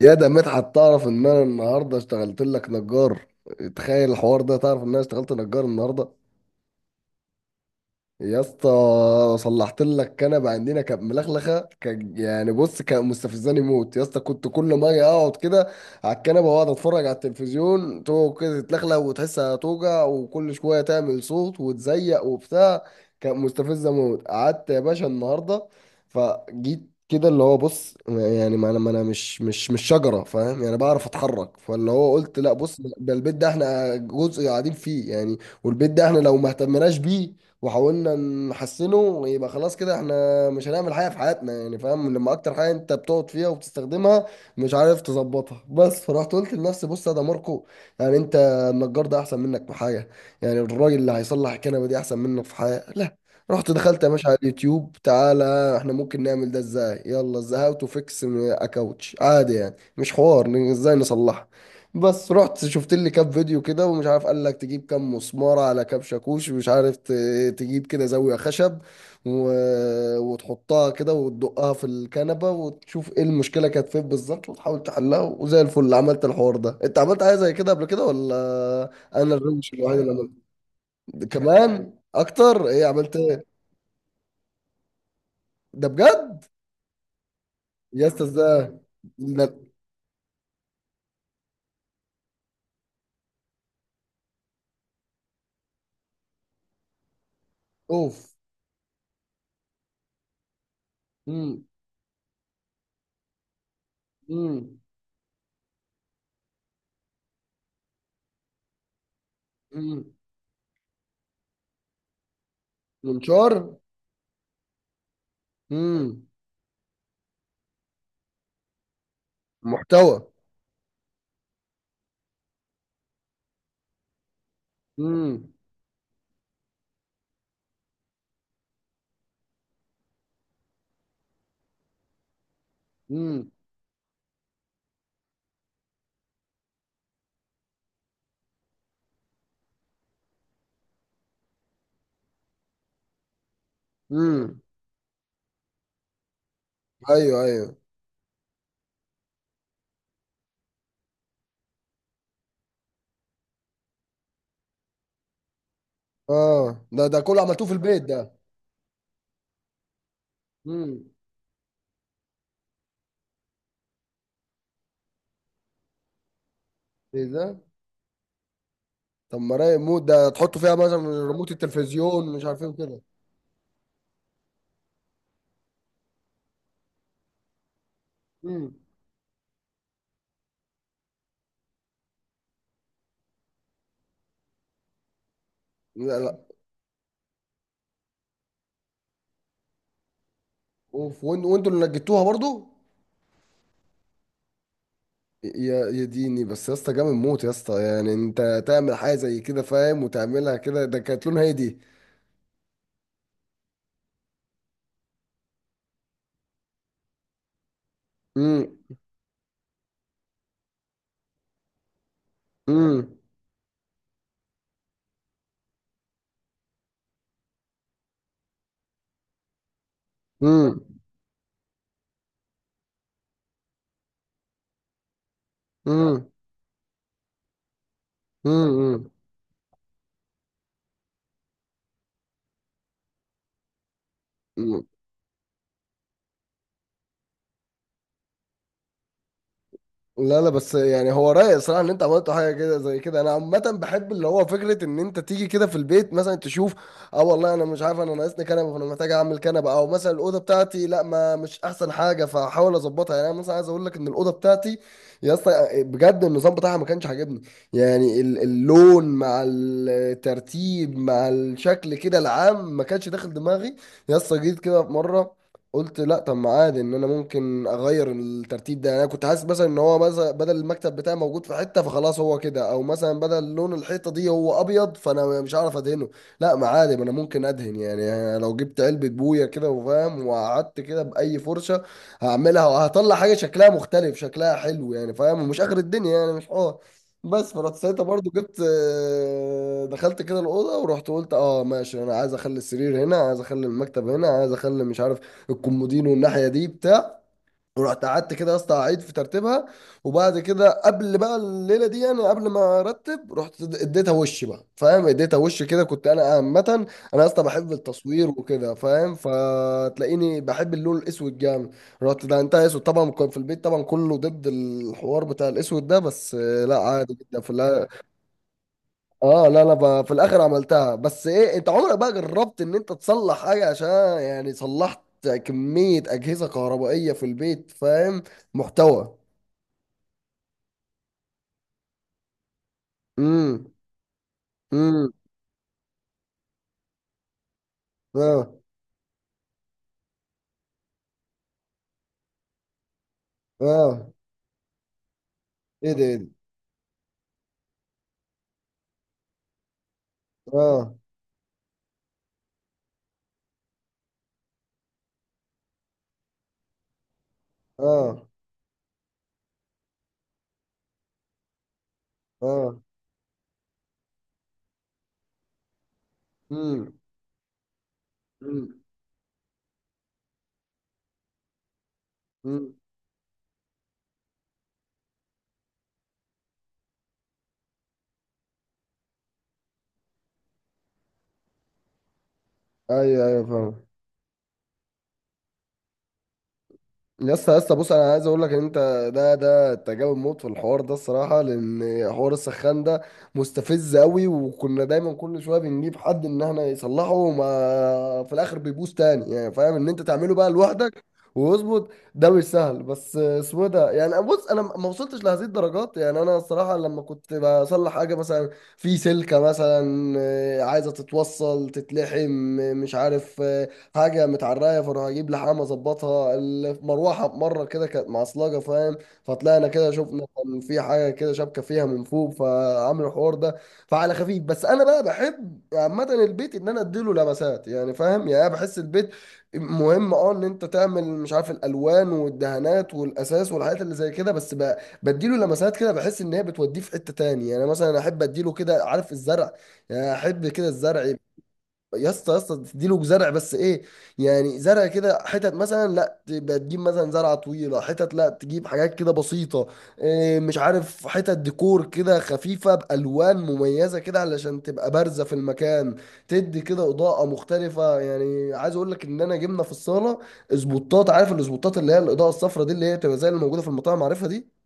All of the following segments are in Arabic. يا ده مدحت، تعرف ان انا النهارده اشتغلت لك نجار؟ تخيل الحوار ده، تعرف ان انا اشتغلت نجار النهارده؟ يا اسطى صلحت لك كنبه عندنا كانت ملخلخه، كان يعني بص كان مستفزاني موت يا اسطى. كنت كل ما اجي اقعد كده على الكنبه واقعد اتفرج على التلفزيون تقعد كده تتلخلخ وتحسها توجع وكل شويه تعمل صوت وتزيق وبتاع. كانت مستفزه موت. قعدت يا باشا النهارده فجيت كده، اللي هو بص يعني ما انا مش شجره، فاهم؟ يعني بعرف اتحرك، فاللي هو قلت لا بص، ده البيت ده احنا جزء قاعدين فيه يعني. والبيت ده احنا لو ما اهتمناش بيه وحاولنا نحسنه، يبقى خلاص كده احنا مش هنعمل حاجه في حياتنا يعني، فاهم؟ لما اكتر حاجه انت بتقعد فيها وبتستخدمها مش عارف تظبطها. بس فرحت قلت لنفسي بص يا ده ماركو، يعني انت النجار ده احسن منك في حاجه؟ يعني الراجل اللي هيصلح الكنبه دي احسن منك في حاجه؟ لا. رحت دخلت يا باشا على اليوتيوب، تعالى احنا ممكن نعمل ده ازاي؟ يلا ازاي، هاو تو فيكس اكاوتش عادي يعني مش حوار ازاي نصلحها. بس رحت شفت لي كام فيديو كده ومش عارف، قال لك تجيب كام مسمارة على كام شاكوش، ومش عارف تجيب كده زاوية خشب و... وتحطها كده وتدقها في الكنبة وتشوف ايه المشكلة كانت فين بالظبط وتحاول تحلها، وزي الفل عملت الحوار ده. انت عملت حاجة زي كده قبل كده ولا؟ انا الروش الوحيد اللي عملت كمان اكتر، ايه عملت ايه؟ ده بجد؟ يا اسطى ازاي؟ ده- اوف. امم. امم. امم. منشار. امم. محتوى. امم. امم. ايوه ايوه. اه، ده كله عملتوه في البيت ده؟ امم. ايه ده؟ طب ما رايق موت ده، تحطوا فيها مثلا ريموت التلفزيون مش عارف ايه وكده. امم. لا لا. اوف، وانتوا اللي نجدتوها برضو؟ يا يا ديني، بس يا اسطى جامد موت يا اسطى، يعني انت تعمل حاجه زي كده فاهم وتعملها كده. ده كانت لونها ايه دي؟ امم. امم. امم. امم. لا لا، بس يعني هو رايق صراحة ان انت عملت حاجة كده زي كده. انا عامة بحب اللي هو فكرة ان انت تيجي كده في البيت مثلا تشوف. اه والله انا مش عارف، انا ناقصني كنبة فانا محتاج اعمل كنبة، او مثلا الأوضة بتاعتي لا ما مش احسن حاجة فاحاول اظبطها، يعني انا مثلا عايز اقول لك ان الأوضة بتاعتي يا اسطى آه، بجد النظام بتاعها ما كانش عاجبني. يعني اللون مع الترتيب مع الشكل كده العام ما كانش داخل دماغي. يا اسطى جيت كده في مرة قلت لا، طب ما عادي ان انا ممكن اغير الترتيب ده. يعني انا كنت حاسس مثلا ان هو مثلا بدل المكتب بتاعي موجود في حته فخلاص هو كده، او مثلا بدل لون الحيطه دي هو ابيض فانا مش هعرف ادهنه. لا ما عادي، ما انا ممكن ادهن يعني. أنا لو جبت علبه بويه كده وفاهم وقعدت كده باي فرشه هعملها وهطلع حاجه شكلها مختلف شكلها حلو يعني، فاهم؟ ومش اخر الدنيا يعني، مش حوار. بس فرحت ساعتها برضو جبت آه، دخلت كده الاوضه ورحت قلت اه ماشي انا عايز اخلي السرير هنا، عايز اخلي المكتب هنا، عايز اخلي مش عارف الكومودينو والناحيه دي بتاع. ورحت قعدت كده يا اسطى اعيد في ترتيبها. وبعد كده قبل بقى الليله دي، يعني قبل ما ارتب رحت اديتها وش بقى فاهم، اديتها وش كده. كنت انا عامه انا يا اسطى بحب التصوير وكده فاهم، فتلاقيني بحب اللون الاسود جامد. رحت ده انت اسود طبعا، كان في البيت طبعا كله ضد الحوار بتاع الاسود ده، بس آه، لا عادي جدا. في اه، لا انا في الاخر عملتها. بس ايه، انت عمرك بقى جربت ان انت تصلح حاجه عشان؟ يعني صلحت كميه اجهزه كهربائيه في البيت، فاهم؟ محتوى. امم. امم. اه. اه. ايه ده، ايه ده؟ اه. اه. اه. امم. امم. أمم. ايوه ايوه، فاهم. يا اسطى يا اسطى بص، انا عايز اقول لك ان انت ده تجاوب موت في الحوار ده الصراحه، لان حوار السخان ده مستفز قوي، وكنا دايما كل شويه بنجيب حد ان احنا يصلحه وما في الاخر بيبوظ تاني يعني، فاهم؟ ان انت تعمله بقى لوحدك ويظبط، ده مش سهل. بس اسمه إيه ده، يعني بص انا ما وصلتش لهذه الدرجات يعني، انا الصراحه لما كنت بصلح حاجه مثلا، في سلكه مثلا آه، عايزه تتوصل تتلحم آه، مش عارف آه، حاجه متعرايه فاروح اجيب لحام اظبطها. المروحه مره كده كانت معصلجه، فاهم؟ فطلعنا كده شفنا كان في حاجه كده شبكه فيها من فوق فعملوا الحوار ده. فعلى خفيف، بس انا بقى بحب عامه البيت ان انا اديله لمسات يعني، فاهم؟ يعني انا بحس البيت مهم، اه ان انت تعمل مش عارف الالوان والدهانات والاساس والحاجات اللي زي كده. بس بقى بديله لمسات كده بحس ان هي بتوديه في حته تاني يعني. مثلا احب اديله كده، عارف الزرع؟ يعني احب كده الزرع. يا اسطى يا اسطى، تديله زرع بس ايه، يعني زرع كده حتت مثلا، لا تبقى تجيب مثلا زرعه طويله حتت، لا تجيب حاجات كده بسيطه، إيه مش عارف حتت ديكور كده خفيفه بالوان مميزه كده علشان تبقى بارزه في المكان. تدي كده اضاءه مختلفه. يعني عايز اقول لك ان انا جبنا في الصاله اسبوتات، عارف الاسبوتات اللي هي الاضاءه الصفراء دي، اللي هي بتبقى زي اللي موجوده في المطاعم، عارفها دي؟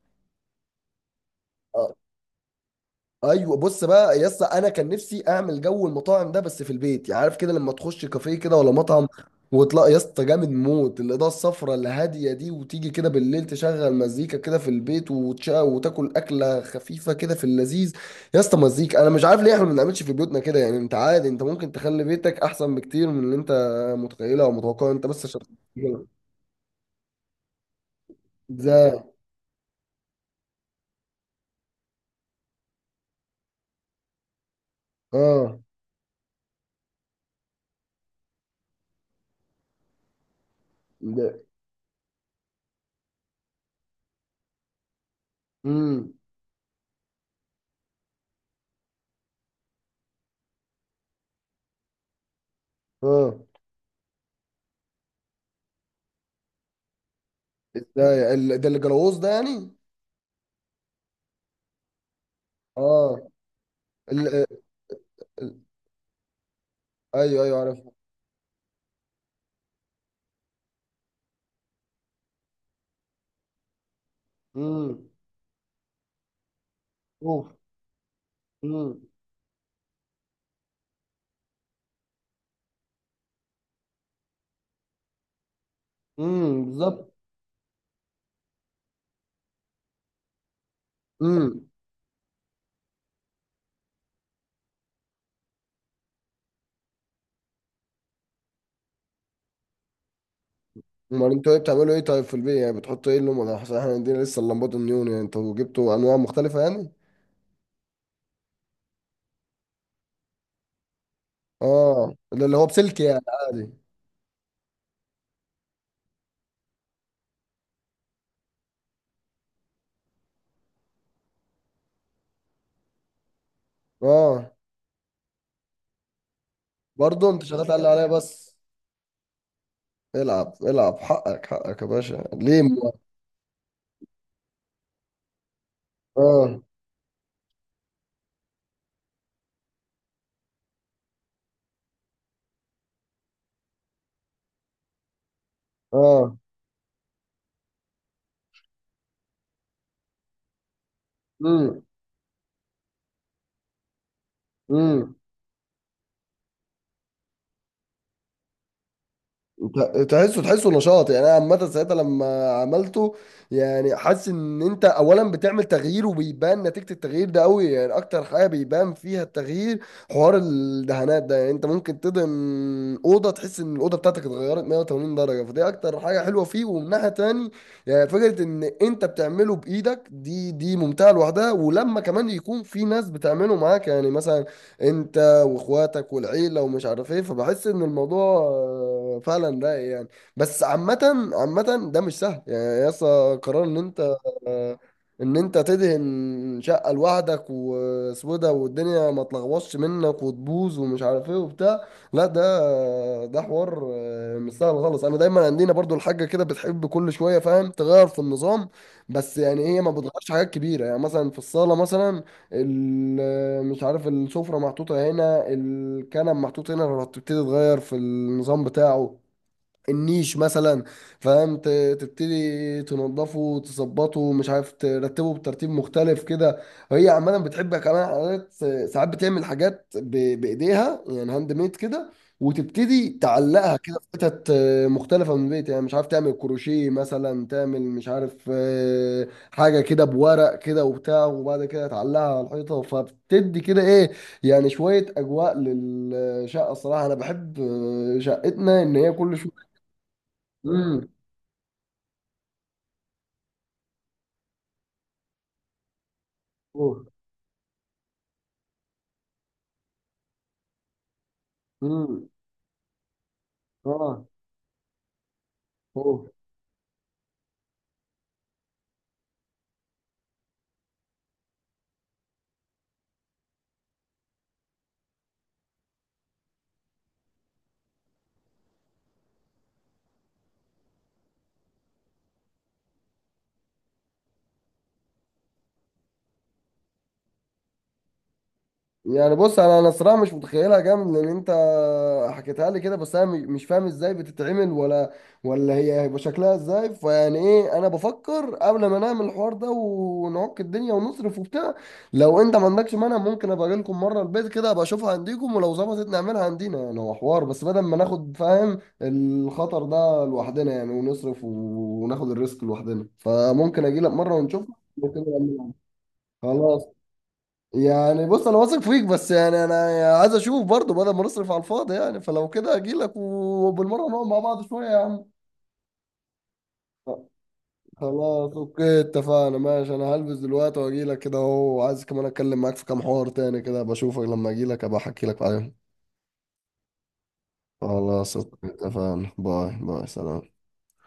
ايوه بص بقى يا اسطى، انا كان نفسي اعمل جو المطاعم ده بس في البيت، يعني عارف كده لما تخش كافيه كده ولا مطعم وتلاقي يا اسطى جامد موت الاضاءه الصفراء اللي هاديه دي، وتيجي كده بالليل تشغل مزيكا كده في البيت وتشا وتاكل اكله خفيفه كده في اللذيذ. يا اسطى مزيكا، انا مش عارف ليه احنا ما بنعملش في بيوتنا كده يعني. انت عادي انت ممكن تخلي بيتك احسن بكتير من اللي انت متخيله او متوقعه، انت بس عشان. ازاي؟ اه. ده. امم. اه. ازاي؟ ده اللي جلوز ده يعني؟ اه. ال- ايوه ايوه، عارف. امم. اوف. امم. امم، بالظبط. امم. امال انتوا ايه، بتعملوا ايه طيب في البيت، يعني بتحطوا ايه اللون ده؟ احنا عندنا لسه اللمبات النيون، يعني انتوا جبتوا انواع مختلفه يعني؟ اه، ده اللي هو بسلك يعني عادي. اه. برضه انت شغال تقلق عليا بس. العب العب، حقك حقك يا باشا، ليه اه. اه. امم. تحسه نشاط، يعني انا عامه ساعتها لما عملته يعني حاسس ان انت اولا بتعمل تغيير وبيبان نتيجه التغيير ده قوي، يعني اكتر حاجه بيبان فيها التغيير حوار الدهانات ده. يعني انت ممكن تدهن اوضه تحس ان الاوضه بتاعتك اتغيرت 180 درجه، فدي اكتر حاجه حلوه فيه. ومن ناحيه تاني، يعني فكره ان انت بتعمله بايدك دي ممتعه لوحدها، ولما كمان يكون في ناس بتعمله معاك يعني، مثلا انت واخواتك والعيله ومش عارف ايه، فبحس ان الموضوع آه، فعلا رايق يعني. بس عامه ده مش سهل يعني يا اسطى، قرار ان انت ان انت تدهن شقة لوحدك وسودة والدنيا ما تلغوصش منك وتبوظ ومش عارف ايه وبتاع، لا ده حوار آه، مش سهل خالص. انا دايما عندنا برضو الحاجة كده بتحب كل شوية فاهم تغير في النظام. بس يعني هي ما بتغيرش حاجات كبيرة، يعني مثلا في الصالة مثلا آه، مش عارف، السفرة محطوطة هنا، الكنب محطوط هنا، هتبتدي تغير في النظام بتاعه. النيش مثلا، فاهم؟ تبتدي تنظفه وتظبطه مش عارف ترتبه بترتيب مختلف كده. هي عمالة بتحب كمان حاجات، ساعات بتعمل حاجات بايديها يعني، هاند ميد كده، وتبتدي تعلقها كده في حتت آه، مختلفة من البيت. يعني مش عارف تعمل كروشيه مثلا، تعمل مش عارف آه، حاجة كده بورق كده وبتاع وبعد كده تعلقها على الحيطة فبتدي كده ايه، يعني شوية أجواء للشقة. الصراحة أنا بحب آه، شقتنا إن هي كل شوية. امم. اوه. امم. اه. اوه. يعني بص انا الصراحه مش متخيلها جامد، لان انت حكيتها لي كده بس انا مش فاهم ازاي بتتعمل، ولا ولا هي هيبقى شكلها ازاي، فيعني ايه انا بفكر قبل ما نعمل الحوار ده ونعك الدنيا ونصرف وبتاع. لو انت ما عندكش مانع ممكن ابقى اجي لكم مره البيت كده ابقى اشوفها عندكم، ولو ظبطت نعملها عندنا. يعني هو حوار بس بدل ما ناخد فاهم الخطر ده لوحدنا، يعني ونصرف وناخد الريسك لوحدنا، فممكن اجي لك مره ونشوف ممكن نعملها. خلاص، يعني بص انا واثق فيك، بس يعني انا عايز اشوف برضه بدل ما نصرف على الفاضي يعني. فلو كده اجي لك وبالمره نقعد مع بعض شويه يا عم. خلاص اوكي اتفقنا ماشي، انا هلبس دلوقتي واجي لك كده اهو، وعايز كمان اتكلم معاك في كام حوار تاني كده بشوفك لما اجي لك ابقى احكي لك عليهم. خلاص اوكي اتفقنا، باي باي، سلام.